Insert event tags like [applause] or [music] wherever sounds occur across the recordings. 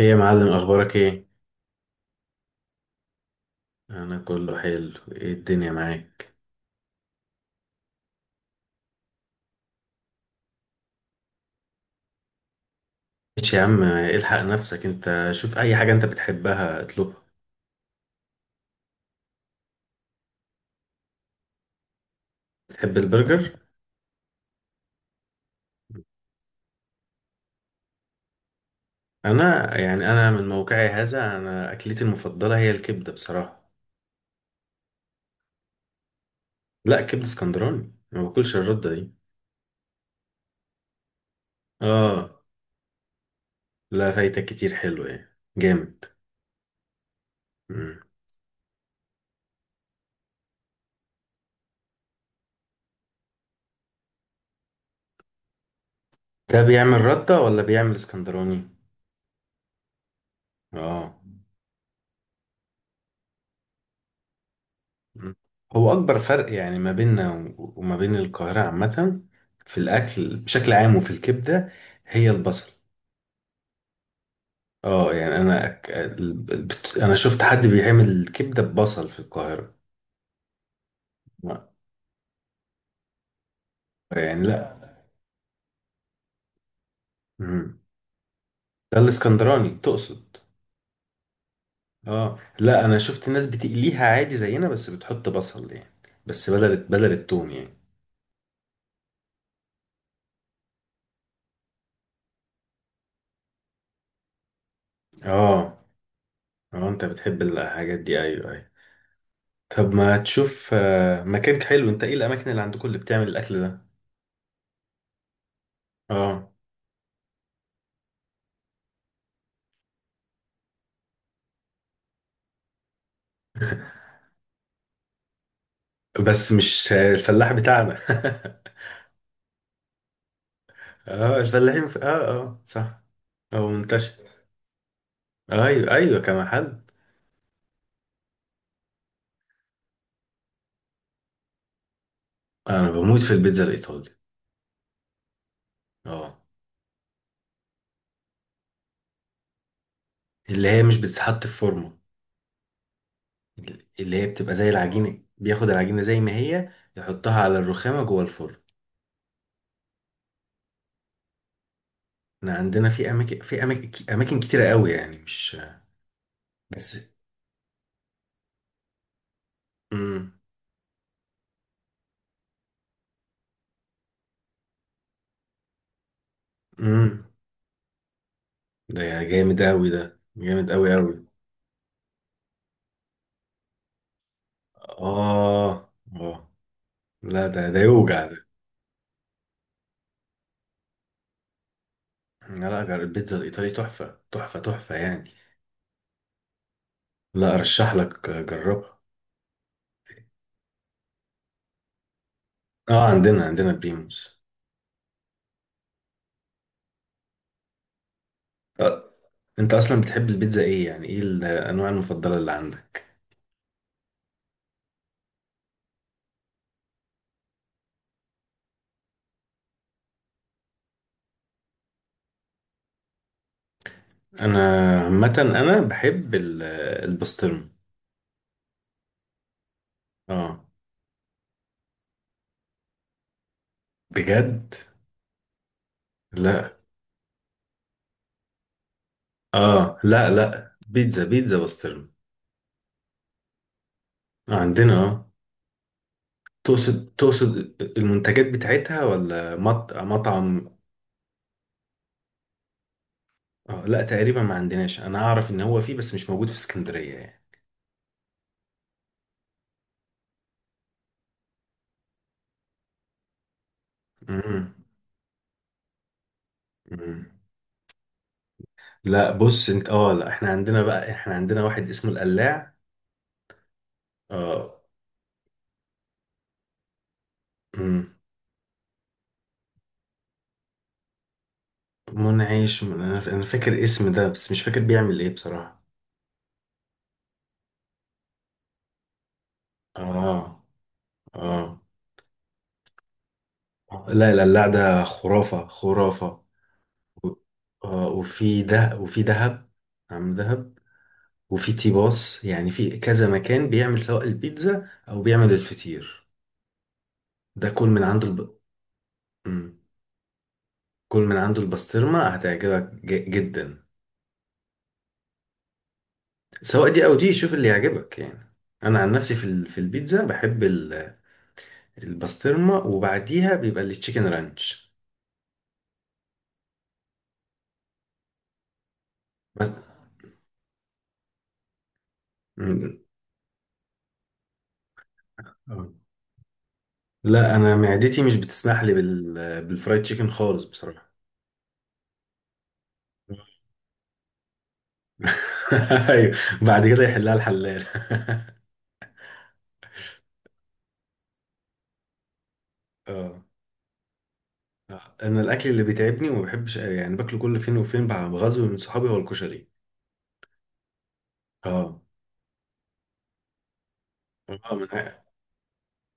ايه يا معلم، اخبارك ايه؟ انا كله حلو، ايه الدنيا معاك؟ ماشي يا عم، الحق نفسك، انت شوف اي حاجه انت بتحبها اطلبها. بتحب البرجر؟ انا من موقعي هذا، انا اكلتي المفضله هي الكبده بصراحه. لا، كبده اسكندراني، ما باكلش الرده دي. اه. لا، فايتك كتير، حلو، ايه جامد. مم. ده بيعمل رده ولا بيعمل اسكندراني؟ اه. مم. هو أكبر فرق، يعني، ما بيننا و- وما بين القاهرة عامة، في الأكل بشكل عام وفي الكبدة، هي البصل. اه، يعني، أنا أك... ال- بت... أنا شفت حد بيعمل الكبدة ببصل في القاهرة؟ لا، يعني، لا. مم. ده الإسكندراني تقصد؟ اه، لا، أنا شفت ناس بتقليها عادي زينا، بس بتحط بصل يعني. بس بدل التوم يعني. اه، اه. أنت بتحب الحاجات دي؟ أيوه، أيوه. طب ما تشوف مكان حلو. أنت إيه الأماكن اللي عندكم اللي بتعمل الأكل ده؟ اه. بس مش الفلاح بتاعنا. [laughs] اه. اه، اه، صح. هو منتشر. ايوه، ايوه، كمحل. انا بموت في البيتزا الايطالي. اه. اللي هي مش بتتحط في فورمه. اللي هي بتبقى زي العجينه، بياخد العجينه زي ما هي، يحطها على الرخامه جوه الفرن. احنا عندنا في اماكن كتيره قوي، يعني مش بس. امم. امم. ده جامد قوي، ده جامد قوي قوي. اه، اه. لا، ده يوجع. لا، لا، البيتزا الإيطالي تحفة، تحفة، تحفة يعني. لا، أرشح لك، جربها. اه، عندنا بريموس. آه. انت اصلا بتحب البيتزا، ايه يعني ايه الانواع المفضلة اللي عندك؟ انا عامة بحب البسطرمة. اه. بجد؟ لا، اه، لا، لا، بيتزا، بيتزا بسطرمة. آه، عندنا، اه. تقصد المنتجات بتاعتها ولا مطعم؟ آه، لا، تقريبا ما عندناش، انا اعرف ان هو فيه بس مش موجود في اسكندرية يعني. مم. مم. لا، بص انت، اه، لا، احنا عندنا واحد اسمه القلاع. اه. مم. منعش، انا فاكر اسم ده بس مش فاكر بيعمل ايه بصراحة. اه، اه. لا، القلاع ده خرافة، خرافة. و- اه، وفي ده، وفي دهب. عم دهب. وفي تيباس، يعني في كذا مكان بيعمل سواء البيتزا او بيعمل الفطير. ده كل من عنده. مم. كل من عنده البسطرمة هتعجبك جدا. سواء دي او دي، شوف اللي يعجبك يعني. انا عن نفسي في البيتزا بحب البسطرمه، وبعديها بيبقى التشيكن رانش. بس. مم. آه. لا، انا معدتي مش بتسمح لي بالفرايد تشيكن خالص بصراحه. [laughs] ايوه. بعد كده يحلها الحلال. [laughs] اه. انا الاكل اللي بيتعبني وما بحبش، يعني، باكله كل فين وفين، بغزو من صحابي، هو الكشري. اه. اه،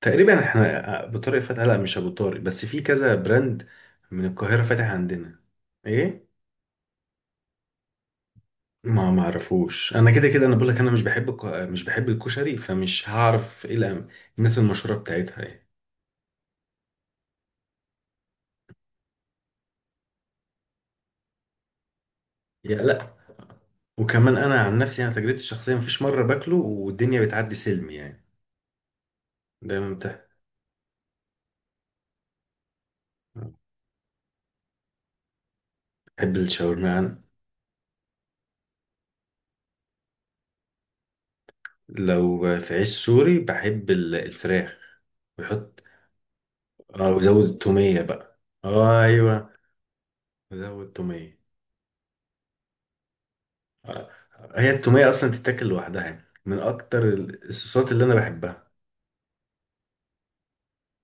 تقريبا احنا. ابو طارق فتح، لا، مش ابو طارق، بس في كذا براند من القاهره فاتح عندنا. ايه؟ ما معرفوش، انا كده كده انا بقول لك، انا مش بحب مش بحب الكشري، فمش هعرف ايه الناس المشهوره بتاعتها ايه؟ يا لا. وكمان انا عن نفسي تجربتي الشخصيه مفيش مره باكله والدنيا بتعدي سلم يعني. دايما بتاع. بحب الشاورما أنا. لو في عيش سوري، بحب الفراخ. ويحط. اه، وزود التوميه بقى، ايوه. زود توميه. آه، هي التومية أصلا تتاكل لوحدها، يعني من أكتر الصوصات اللي أنا بحبها.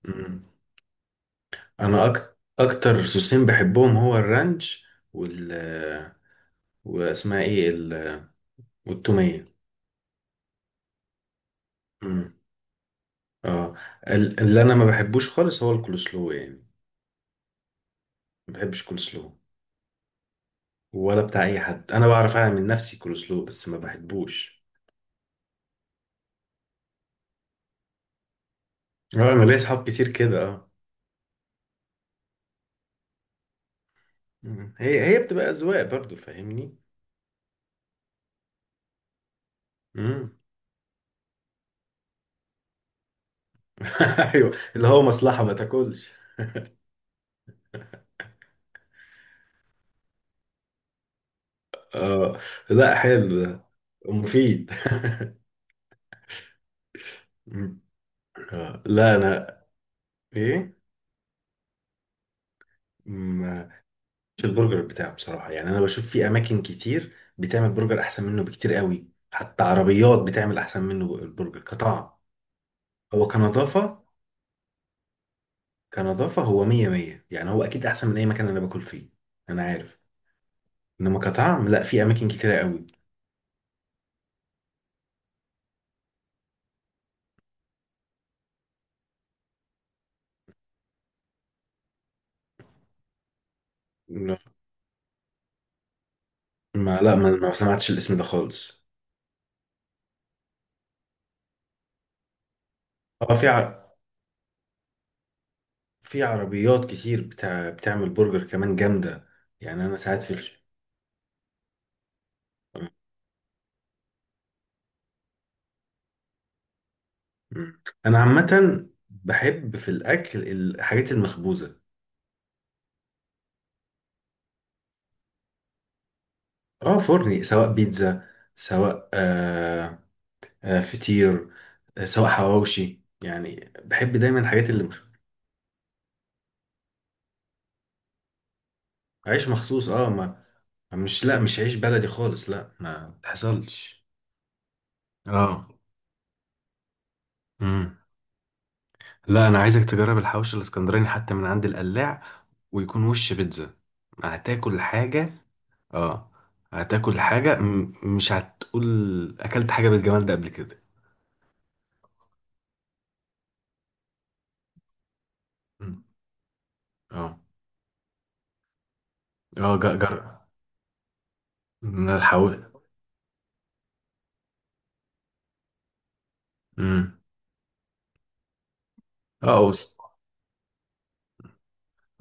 مم. أكتر صوصين بحبهم هو الرانش وال واسمها إيه والتومية. مم. اه. اللي أنا ما بحبوش خالص هو الكولسلو يعني. ما بحبش كولسلو. ولا بتاع أي حد، أنا بعرف أعمل من نفسي كولسلو بس ما بحبوش. اه، أنا ليا صحاب كتير كده، اه. مم. هي بتبقى أذواق برضو، فاهمني. مم. [laughs] ايوه، اللي هو مصلحة ما تاكلش. آه، لا، حلو ده. مفيد. مم. [laughs] آه، لا، انا. ايه؟ مم، مش البرجر بتاعه بصراحه، يعني انا بشوف في اماكن كتير بتعمل برجر احسن منه بكتير قوي، حتى عربيات بتعمل احسن منه البرجر كطعم. هو كنظافه. كنظافه هو مية مية، يعني هو اكيد احسن من اي مكان انا باكل فيه. انا عارف. انما كطعم، لا، في اماكن كتيره قوي. ما، لا، ما سمعتش الاسم ده خالص. اه، في عربيات كتير بتاع بتعمل برجر كمان جامدة. يعني أنا ساعات في. مم. أنا عامة بحب في الأكل الحاجات المخبوزة. اه، فرني، سواء بيتزا، سواء فطير، سواء حواوشي، يعني بحب دايما الحاجات اللي. عيش مخصوص، اه، ما. مش لا مش عيش بلدي خالص، لا، ما تحصلش. اه. مم. لا، انا عايزك تجرب الحوش الاسكندراني حتى من عند القلاع. ويكون وش بيتزا. هتاكل حاجه. اه. هتاكل حاجه، مش هتقول اكلت حاجه بالجمال ده قبل كده. مم. اه، اه، جر، جر. من الحوش. امم. اه،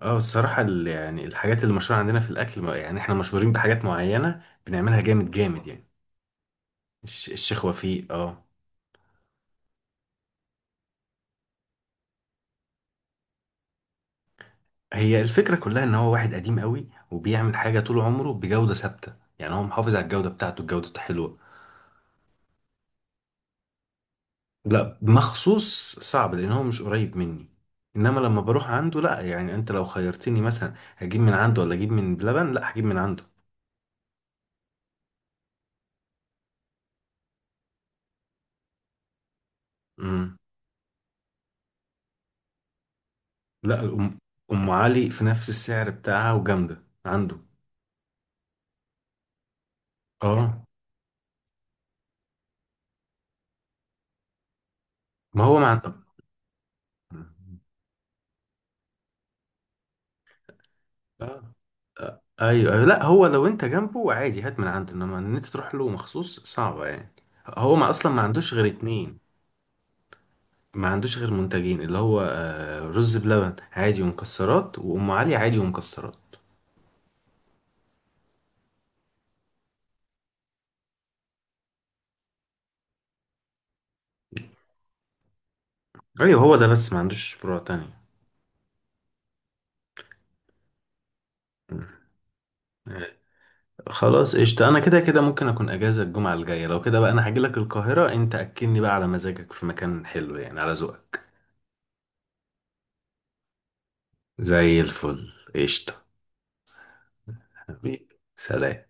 اه، الصراحه يعني الحاجات اللي مشهوره عندنا في الاكل، يعني احنا مشهورين بحاجات معينه بنعملها جامد جامد، يعني. الشيخ وفيق، اه. هي الفكرة كلها ان هو واحد قديم قوي وبيعمل حاجة طول عمره بجودة ثابتة. يعني هو محافظ على الجودة بتاعته، الجودة حلوة. لا، مخصوص صعب لان هو مش قريب مني. انما لما بروح عنده، لا، يعني انت لو خيرتني مثلا هجيب من عنده ولا اجيب من بلبن، لا، هجيب من عنده. امم. لا، أم علي في نفس السعر بتاعها وجامدة عنده. اه، ما هو، ما عنده. آه. آه. ايوه، أيوة. لا، هو لو انت جنبه عادي هات من عنده، انما ان انت تروح له مخصوص صعبه يعني. هو ما اصلا ما عندوش غير اتنين. ما عندوش غير منتجين، اللي هو رز بلبن عادي ومكسرات، وام علي عادي ومكسرات. ايوه، هو ده، بس ما عندوش فروع تانية. مم. خلاص، قشطة. انا كده كده ممكن اكون اجازة الجمعة الجاية، لو كده بقى انا هاجيلك القاهرة، انت اكلني بقى على مزاجك في مكان حلو، يعني على ذوقك. زي الفل، قشطة. حبيبي. سلام.